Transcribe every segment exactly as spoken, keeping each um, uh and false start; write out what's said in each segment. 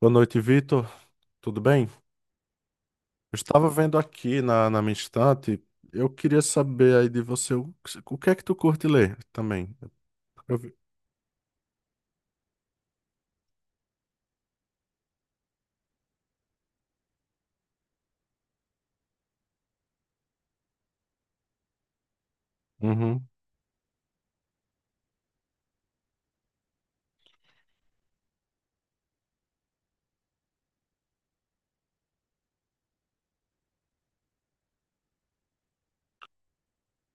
Boa noite, Vitor. Tudo bem? Eu estava vendo aqui na, na minha estante. Eu queria saber aí de você o, o que é que tu curte ler também. Eu vi- Uhum.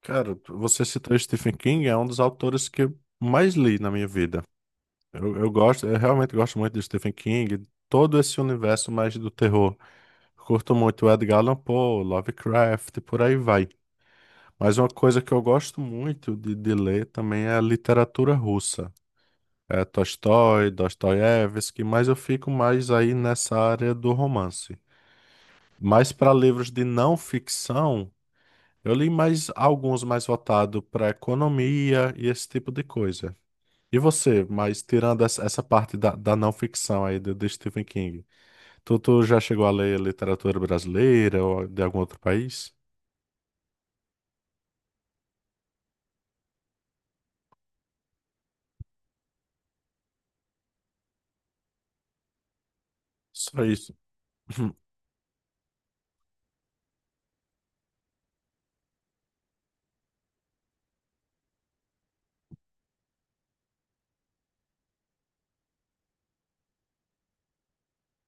Cara, você citou Stephen King, é um dos autores que eu mais li na minha vida. Eu, eu gosto, eu realmente gosto muito de Stephen King, todo esse universo mais do terror. Curto muito Edgar Allan Poe, Lovecraft, por aí vai. Mas uma coisa que eu gosto muito de, de ler também é a literatura russa. É Tolstói, Dostoiévski, mas eu fico mais aí nessa área do romance. Mas para livros de não ficção, eu li mais alguns mais voltados para economia e esse tipo de coisa. E você, mas tirando essa essa parte da, da não ficção aí de, de Stephen King, tu, tu já chegou a ler literatura brasileira ou de algum outro país? Só isso.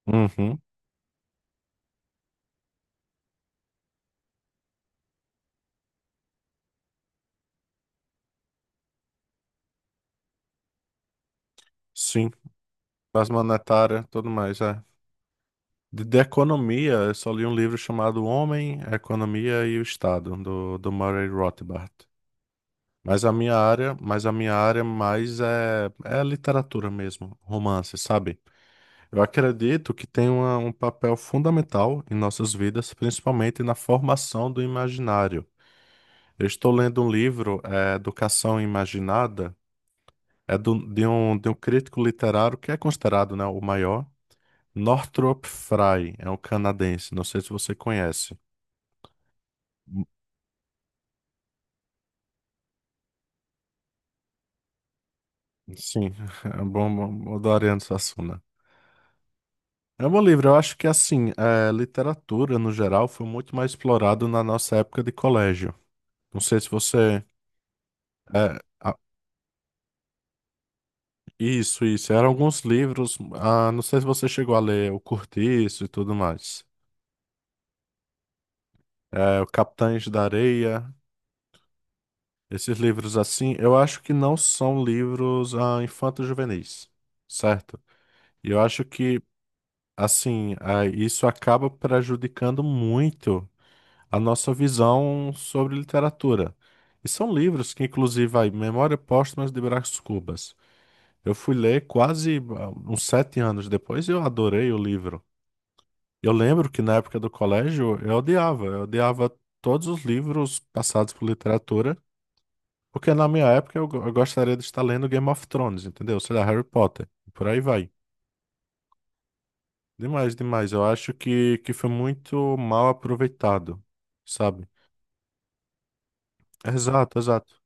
Uhum, sim. As monetárias, tudo mais, é. De, de economia, eu só li um livro chamado Homem, a Economia e o Estado, do, do Murray Rothbard. Mas a minha área, mas a minha área mais é, é literatura mesmo, romance, sabe? Eu acredito que tem uma, um papel fundamental em nossas vidas, principalmente na formação do imaginário. Eu estou lendo um livro, é, Educação Imaginada, é do, de um, de um crítico literário que é considerado, né, o maior, Northrop Frye, é um canadense, não sei se você conhece. Sim, é bom, bom- adorando Suassuna. É um bom livro, eu acho que assim, é, literatura no geral foi muito mais explorado na nossa época de colégio. Não sei se você. é, a- isso, isso. Eram alguns livros, ah, não sei se você chegou a ler O Cortiço e tudo mais. É, o Capitães da Areia, esses livros assim, eu acho que não são livros ah, infanto-juvenis, certo? E eu acho que, assim, ah, isso acaba prejudicando muito. A nossa visão sobre literatura. E são livros que, inclusive, aí, Memória Póstuma de Brás Cubas. Eu fui ler quase ah, uns sete anos depois e eu adorei o livro. Eu lembro que na época do colégio eu odiava, eu odiava todos os livros passados por literatura, porque na minha época eu, go- eu gostaria de estar lendo Game of Thrones, entendeu? Sei lá, Harry Potter, e por aí vai. Demais, demais. Eu acho que, que foi muito mal aproveitado, sabe? Exato, exato.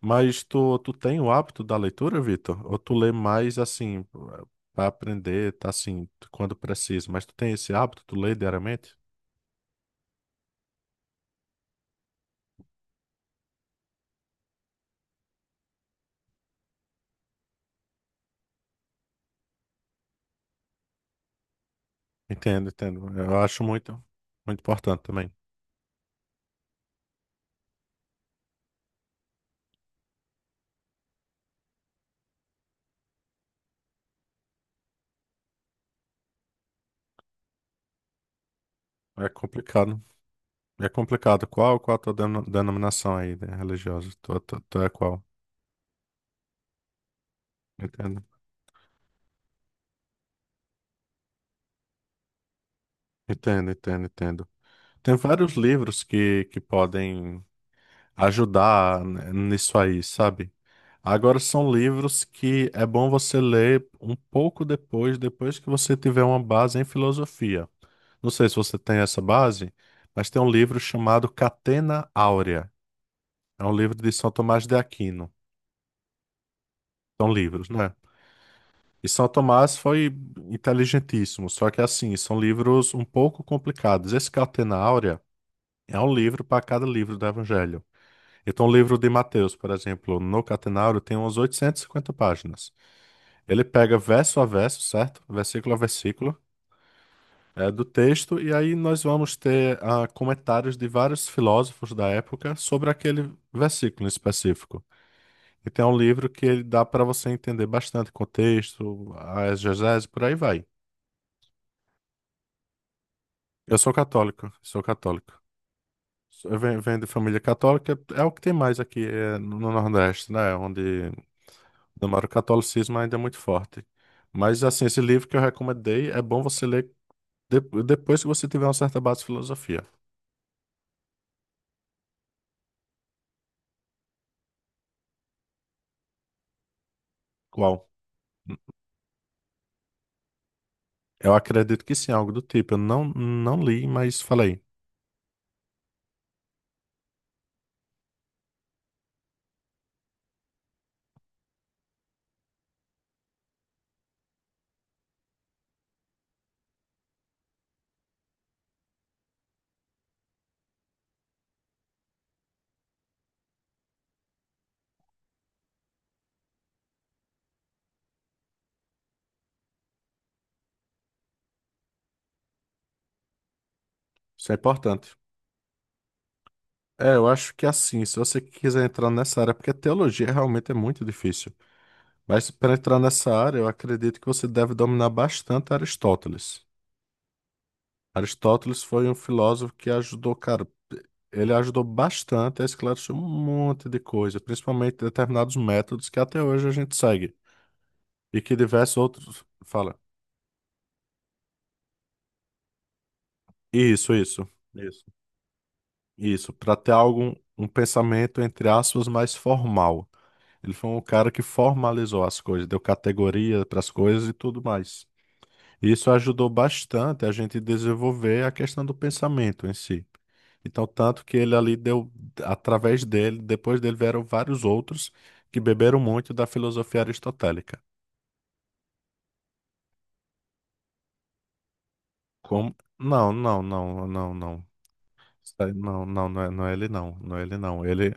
Mas tu, tu tem o hábito da leitura, Vitor? Ou tu lê mais assim, para aprender, tá assim, quando precisa? Mas tu tem esse hábito, tu lê diariamente? Entendo, entendo. Eu acho muito, muito importante também. É complicado. É complicado. Qual, qual a tua deno- denominação aí, né, religiosa? Tu, tu, tu é qual? Entendo. Entendo, entendo, entendo. Tem vários livros que, que podem ajudar, né, nisso aí, sabe? Agora são livros que é bom você ler um pouco depois, depois que você tiver uma base em filosofia. Não sei se você tem essa base, mas tem um livro chamado Catena Áurea. É um livro de São Tomás de Aquino. São livros, né? E São Tomás foi inteligentíssimo, só que assim, são livros um pouco complicados. Esse Catena Áurea é um livro para cada livro do Evangelho. Então, o livro de Mateus, por exemplo, no Catenário, tem umas oitocentas e cinquenta páginas. Ele pega verso a verso, certo? Versículo a versículo, é, do texto, e aí nós vamos ter ah, comentários de vários filósofos da época sobre aquele versículo em específico. Então, é um livro que ele dá para você entender bastante contexto, a exegese, por aí vai. Eu sou católico, sou católico. Eu venho, venho de família católica, é o que tem mais aqui eh, no Nordeste, né? Onde. Não, mas o catolicismo ainda é muito forte. Mas, assim, esse livro que eu recomendei é bom você ler de- depois que você tiver uma certa base de filosofia. Qual? Eu acredito que sim, algo do tipo. Eu não, não li, mas falei. Isso é importante. É, eu acho que assim, se você quiser entrar nessa área, porque teologia realmente é muito difícil. Mas para entrar nessa área, eu acredito que você deve dominar bastante Aristóteles. Aristóteles foi um filósofo que ajudou, cara, ele ajudou bastante a esclarecer um monte de coisa, principalmente determinados métodos que até hoje a gente segue e que diversos outros fala. Isso, isso, isso, isso, para ter algum um pensamento entre aspas mais formal. Ele foi um cara que formalizou as coisas, deu categoria para as coisas e tudo mais. Isso ajudou bastante a gente desenvolver a questão do pensamento em si. Então, tanto que ele ali deu, através dele, depois dele vieram vários outros que beberam muito da filosofia aristotélica. Como? Não, não, não, não, não. Isso aí. Não, não, não é, não é ele, não, não é ele, não. Ele,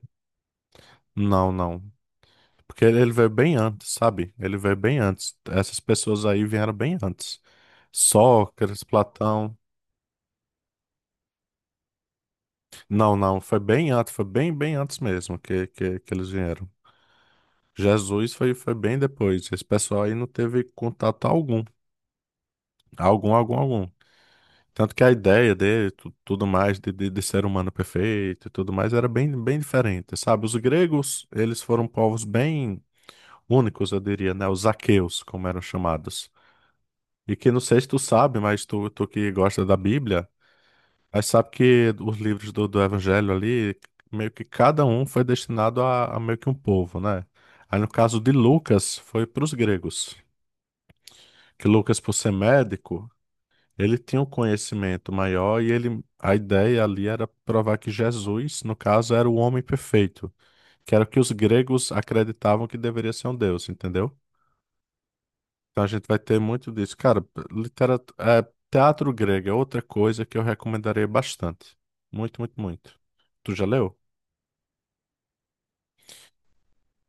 não, não. Porque ele, ele veio bem antes, sabe? Ele veio bem antes. Essas pessoas aí vieram bem antes. Sócrates, Platão. Não, não, foi bem antes, foi bem, bem antes mesmo que, que, que eles vieram. Jesus foi, foi bem depois. Esse pessoal aí não teve contato algum. Algum, algum, algum. Tanto que a ideia dele, tu- tudo mais, de, de, de ser humano perfeito e tudo mais, era bem, bem diferente, sabe? Os gregos, eles foram povos bem únicos, eu diria, né? Os aqueus, como eram chamados. E que não sei se tu sabe, mas tu, tu que gosta da Bíblia, mas sabe que os livros do, do Evangelho ali, meio que cada um foi destinado a, a meio que um povo, né? Aí no caso de Lucas, foi para os gregos. Que Lucas, por ser médico, ele tinha um conhecimento maior e ele, a ideia ali era provar que Jesus, no caso, era o homem perfeito, que era o que os gregos acreditavam que deveria ser um deus, entendeu? Então a gente vai ter muito disso. Cara, literatura, teatro grego é outra coisa que eu recomendaria bastante. Muito, muito, muito. Tu já leu?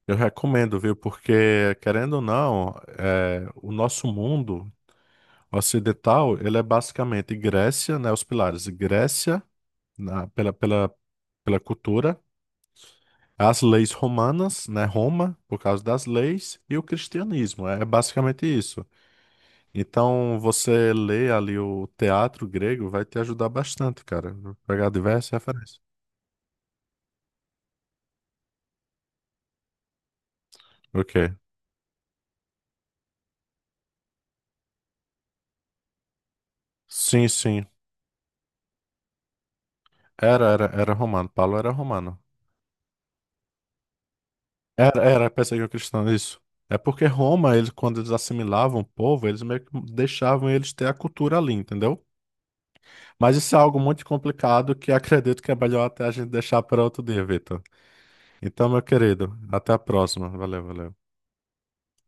Eu recomendo, viu? Porque, querendo ou não, é, o nosso mundo ocidental, ele é basicamente Grécia, né? Os pilares Grécia, na- pela, pela, pela cultura, as leis romanas, né, Roma, por causa das leis, e o cristianismo. É é basicamente isso. Então, você lê ali o teatro grego vai te ajudar bastante, cara. Vou pegar diversas referências. Ok. Sim, sim. Era, era, era romano. Paulo era romano. Era, era, pensei que o cristão, isso. É porque Roma, eles, quando eles assimilavam o povo, eles meio que deixavam eles ter a cultura ali, entendeu? Mas isso é algo muito complicado que acredito que é melhor até a gente deixar para outro dia, Vitor. Então, meu querido, até a próxima. Valeu, valeu.